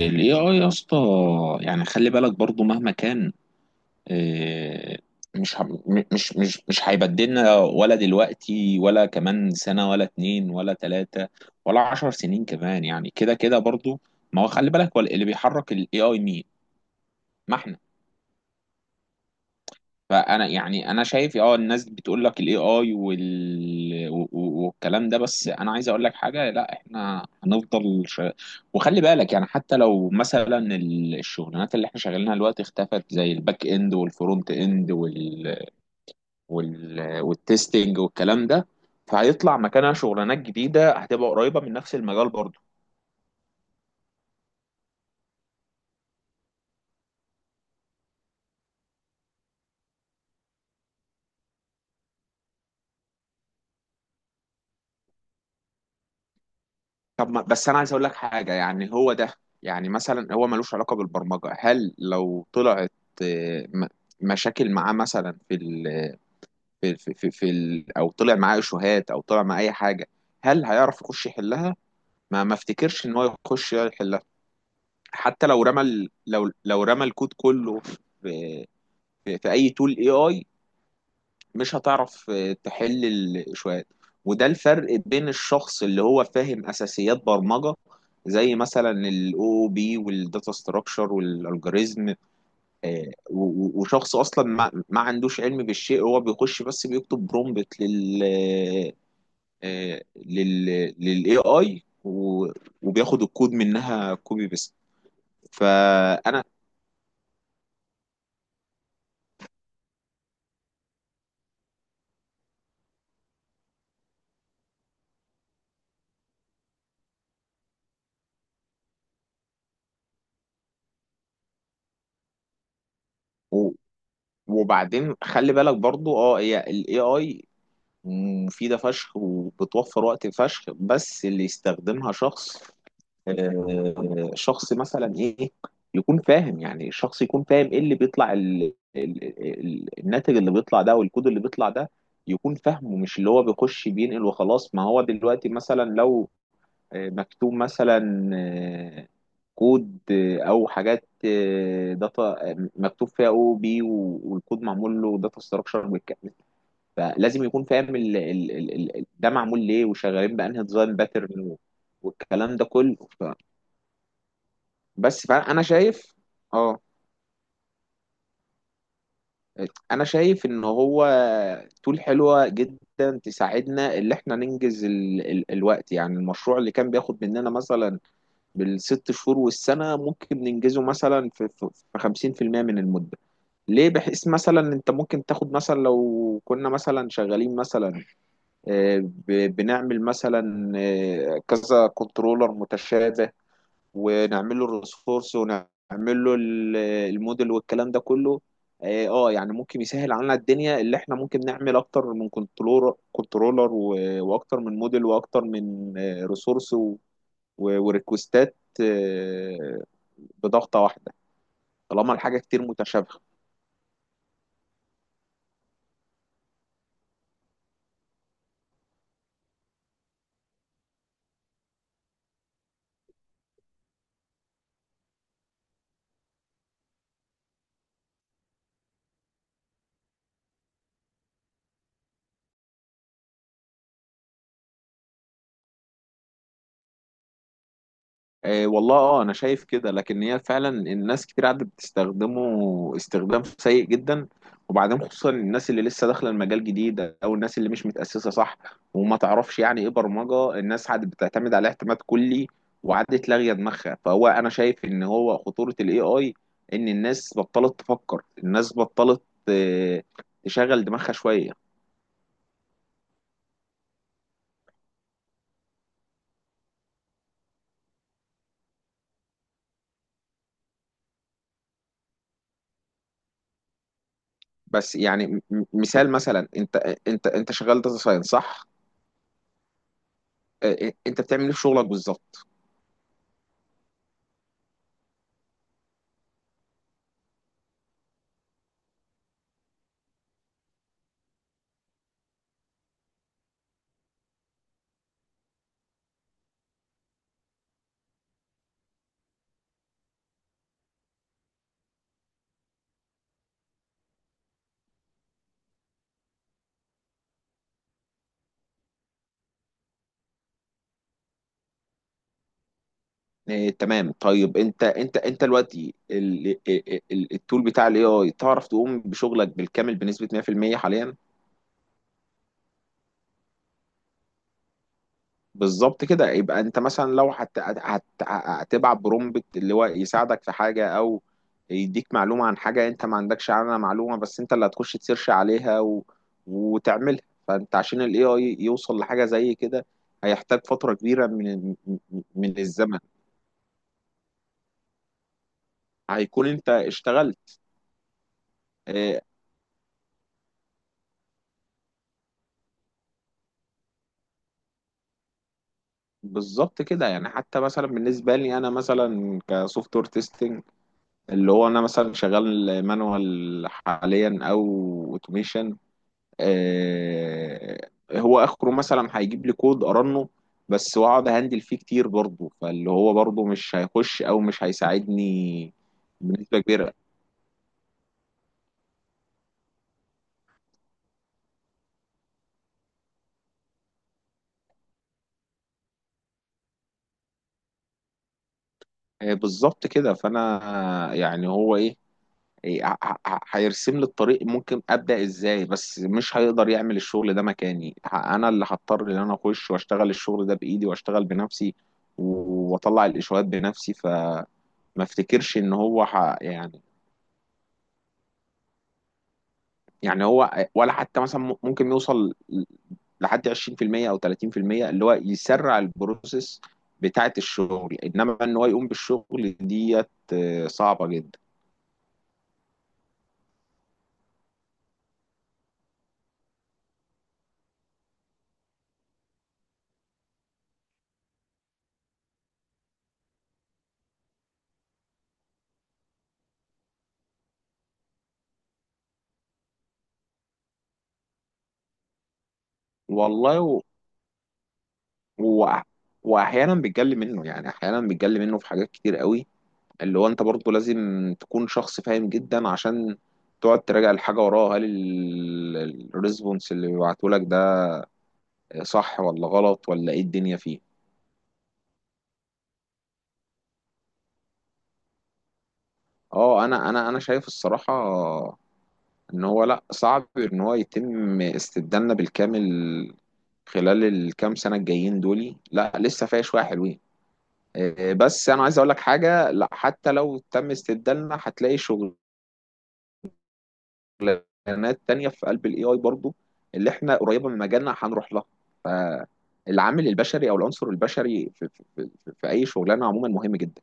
ال AI يا اسطى. يعني خلي بالك برضو مهما كان، آه، مش ه- م- مش مش مش هيبدلنا ولا دلوقتي ولا كمان سنة ولا اتنين ولا تلاتة ولا 10 سنين كمان. يعني كده كده برضو. ما هو خلي بالك، هو اللي بيحرك ال AI مين؟ ما احنا. فانا يعني انا شايف الناس بتقول لك الاي اي والكلام ده. بس انا عايز اقول لك حاجه، لا احنا هنفضل وخلي بالك، يعني حتى لو مثلا الشغلانات اللي احنا شغالينها دلوقتي اختفت، زي الباك اند والفرونت اند والتستنج والكلام ده، فهيطلع مكانها شغلانات جديده هتبقى قريبه من نفس المجال برضه. طب ما بس انا عايز اقول لك حاجه، يعني هو ده. يعني مثلا هو ملوش علاقه بالبرمجه، هل لو طلعت آه، م- مشاكل معاه مثلا في ال في ال او طلع معاه شهات او طلع معاه اي حاجه، هل هيعرف يخش يحلها؟ ما افتكرش ان هو يخش يحلها. حتى لو رمى الكود كله في في اي تول اي اي، مش هتعرف تحل الشوية. وده الفرق بين الشخص اللي هو فاهم اساسيات برمجه، زي مثلا الاو بي والداتا ستراكشر والالجوريزم، آه، و- و- وشخص اصلا ما عندوش علم بالشيء، هو بيخش بس بيكتب برومبت لل آه، لل للاي اي وبياخد الكود منها كوبي بيست. فانا و وبعدين خلي بالك برضو، هي الاي اي مفيدة فشخ وبتوفر وقت فشخ، بس اللي يستخدمها شخص مثلا ايه، يكون فاهم. يعني شخص يكون فاهم ايه اللي بيطلع الناتج اللي بيطلع ده، والكود اللي بيطلع ده يكون فاهمه، مش اللي هو بيخش بينقل وخلاص. ما هو دلوقتي مثلا لو مكتوب مثلا كود او حاجات داتا مكتوب فيها او بي، والكود معمول له داتا ستراكشر، فلازم يكون فاهم ال ده معمول ليه وشغالين بأنهي ديزاين باترن، و- والكلام ده كله بس فأنا شايف اه أنا شايف إن هو تول حلوة جدا، تساعدنا إن إحنا ننجز ال ال الوقت. يعني المشروع اللي كان بياخد مننا مثلا بالست شهور والسنة، ممكن ننجزه مثلا في 50% من المدة. ليه؟ بحيث مثلا أنت ممكن تاخد مثلا لو كنا مثلا شغالين مثلا بنعمل مثلا كذا كنترولر متشابه، ونعمل له الريسورس، ونعمل له الموديل والكلام ده كله. يعني ممكن يسهل علينا الدنيا، اللي احنا ممكن نعمل اكتر من كنترولر كنترولر و- واكتر من موديل واكتر من ريسورس وريكوستات بضغطة واحدة، طالما الحاجة كتير متشابهة. والله انا شايف كده، لكن هي فعلا الناس كتير قاعده بتستخدمه استخدام سيء جدا، وبعدين خصوصا الناس اللي لسه داخله المجال جديد، او الناس اللي مش متاسسه صح وما تعرفش يعني ايه برمجه. الناس قاعده بتعتمد عليه اعتماد كلي، وقعدت لاغيه دماغها. فهو انا شايف ان هو خطوره الاي اي، ان الناس بطلت تفكر، الناس بطلت آه، تشغل دماغها شويه. بس يعني مثال، مثلا انت، انت شغال داتا ساينس صح؟ انت بتعمل ايه في شغلك بالظبط؟ إيه، تمام. طيب انت، انت دلوقتي التول بتاع الاي اي، تعرف تقوم بشغلك بالكامل بنسبة 100% حاليا؟ بالظبط كده. يبقى انت مثلا لو هتبعت برومبت اللي هو يساعدك في حاجة، او يديك معلومة عن حاجة انت ما عندكش عنها معلومة، بس انت اللي هتخش تسيرش عليها وتعملها، فانت عشان الاي اي يوصل لحاجة زي كده، هيحتاج فترة كبيرة من الزمن، هيكون انت اشتغلت. آه، بالظبط كده. يعني حتى مثلا بالنسبه لي انا، مثلا كسوفت وير تيستنج، اللي هو انا مثلا شغال مانوال حاليا او اوتوميشن، هو اخره مثلا هيجيب لي كود ارنه بس، واقعد اهندل فيه كتير برضه، فاللي هو برضه مش هيخش او مش هيساعدني بنسبه كبيره. بالظبط كده. فانا يعني هو ايه، إيه، هيرسم لي الطريق ممكن ابدا ازاي، بس مش هيقدر يعمل الشغل ده مكاني، انا اللي هضطر ان انا اخش واشتغل الشغل ده بايدي واشتغل بنفسي، واطلع الاشوات بنفسي. فما افتكرش ان هو يعني. يعني هو ولا حتى مثلا ممكن يوصل لحد 20% او 30%، اللي هو يسرع البروسيس بتاعت الشغل، انما ان هو يقوم بالشغل ديت صعبة جدا والله. و... واحيانا بيتجلي منه، يعني احيانا بيتجلي منه في حاجات كتير قوي، اللي هو انت برضه لازم تكون شخص فاهم جدا، عشان تقعد تراجع الحاجه وراها، هل الريسبونس اللي بيبعته لك ده صح ولا غلط، ولا ايه الدنيا فيه. انا شايف الصراحه ان هو، لا، صعب ان هو يتم استبدالنا بالكامل خلال الكام سنه الجايين دولي، لا لسه فيها شويه حلوين. بس انا عايز اقول لك حاجه، لا حتى لو تم استبدالنا هتلاقي شغلانات تانية في قلب الاي اي برضو، اللي احنا قريبه من مجالنا هنروح لها. فالعامل البشري، او العنصر البشري في اي شغلانه عموما مهم جدا.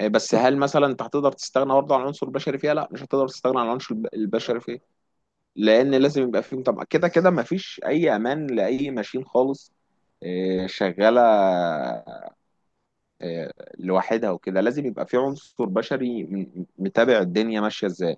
بس هل مثلا انت هتقدر تستغنى برضه عن العنصر البشري فيها؟ لا، مش هتقدر تستغنى عن العنصر البشري فيها، لان لازم يبقى فيه طبعا. كده كده مفيش اي امان لاي ماشين خالص شغاله آه، لوحدها وكده، لازم يبقى في عنصر بشري متابع الدنيا ماشيه ازاي.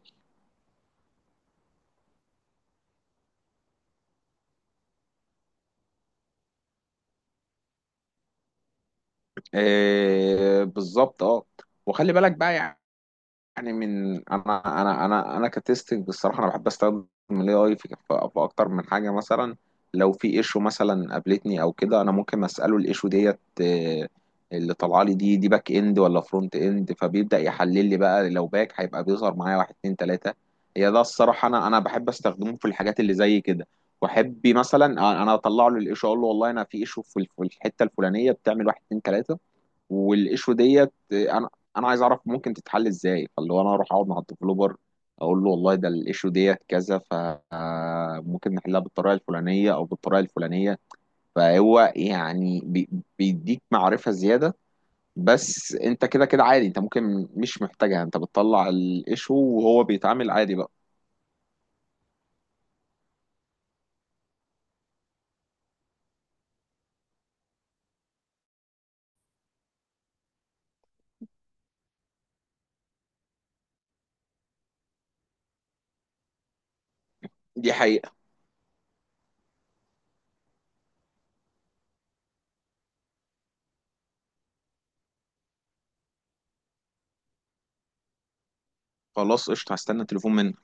بالظبط. اه وخلي بالك بقى، يعني من انا انا انا انا كتستنج بصراحه، انا بحب استخدم الاي اي في اكتر من حاجه. مثلا لو في ايشو مثلا قابلتني او كده، انا ممكن اساله الايشو ديت اللي طالعه لي، دي باك اند ولا فرونت اند، فبيبدا يحلل لي بقى، لو باك هيبقى بيظهر معايا واحد اتنين تلاته. هي ده الصراحه، انا بحب استخدمه في الحاجات اللي زي كده. واحب مثلا انا اطلع له الايشو، اقول له والله انا في ايشو في الحته الفلانيه بتعمل واحد اتنين تلاته، والايشو ديت انا عايز اعرف ممكن تتحل ازاي، فاللي هو انا اروح اقعد مع الديفلوبر، اقول له والله ده الايشو ديت كذا، فممكن نحلها بالطريقه الفلانيه او بالطريقه الفلانيه. فهو يعني بيديك معرفه زياده، بس انت كده كده عادي، انت ممكن مش محتاجها، انت بتطلع الايشو وهو بيتعامل عادي بقى. دي حقيقه. خلاص قشطه، هستنى تليفون منك.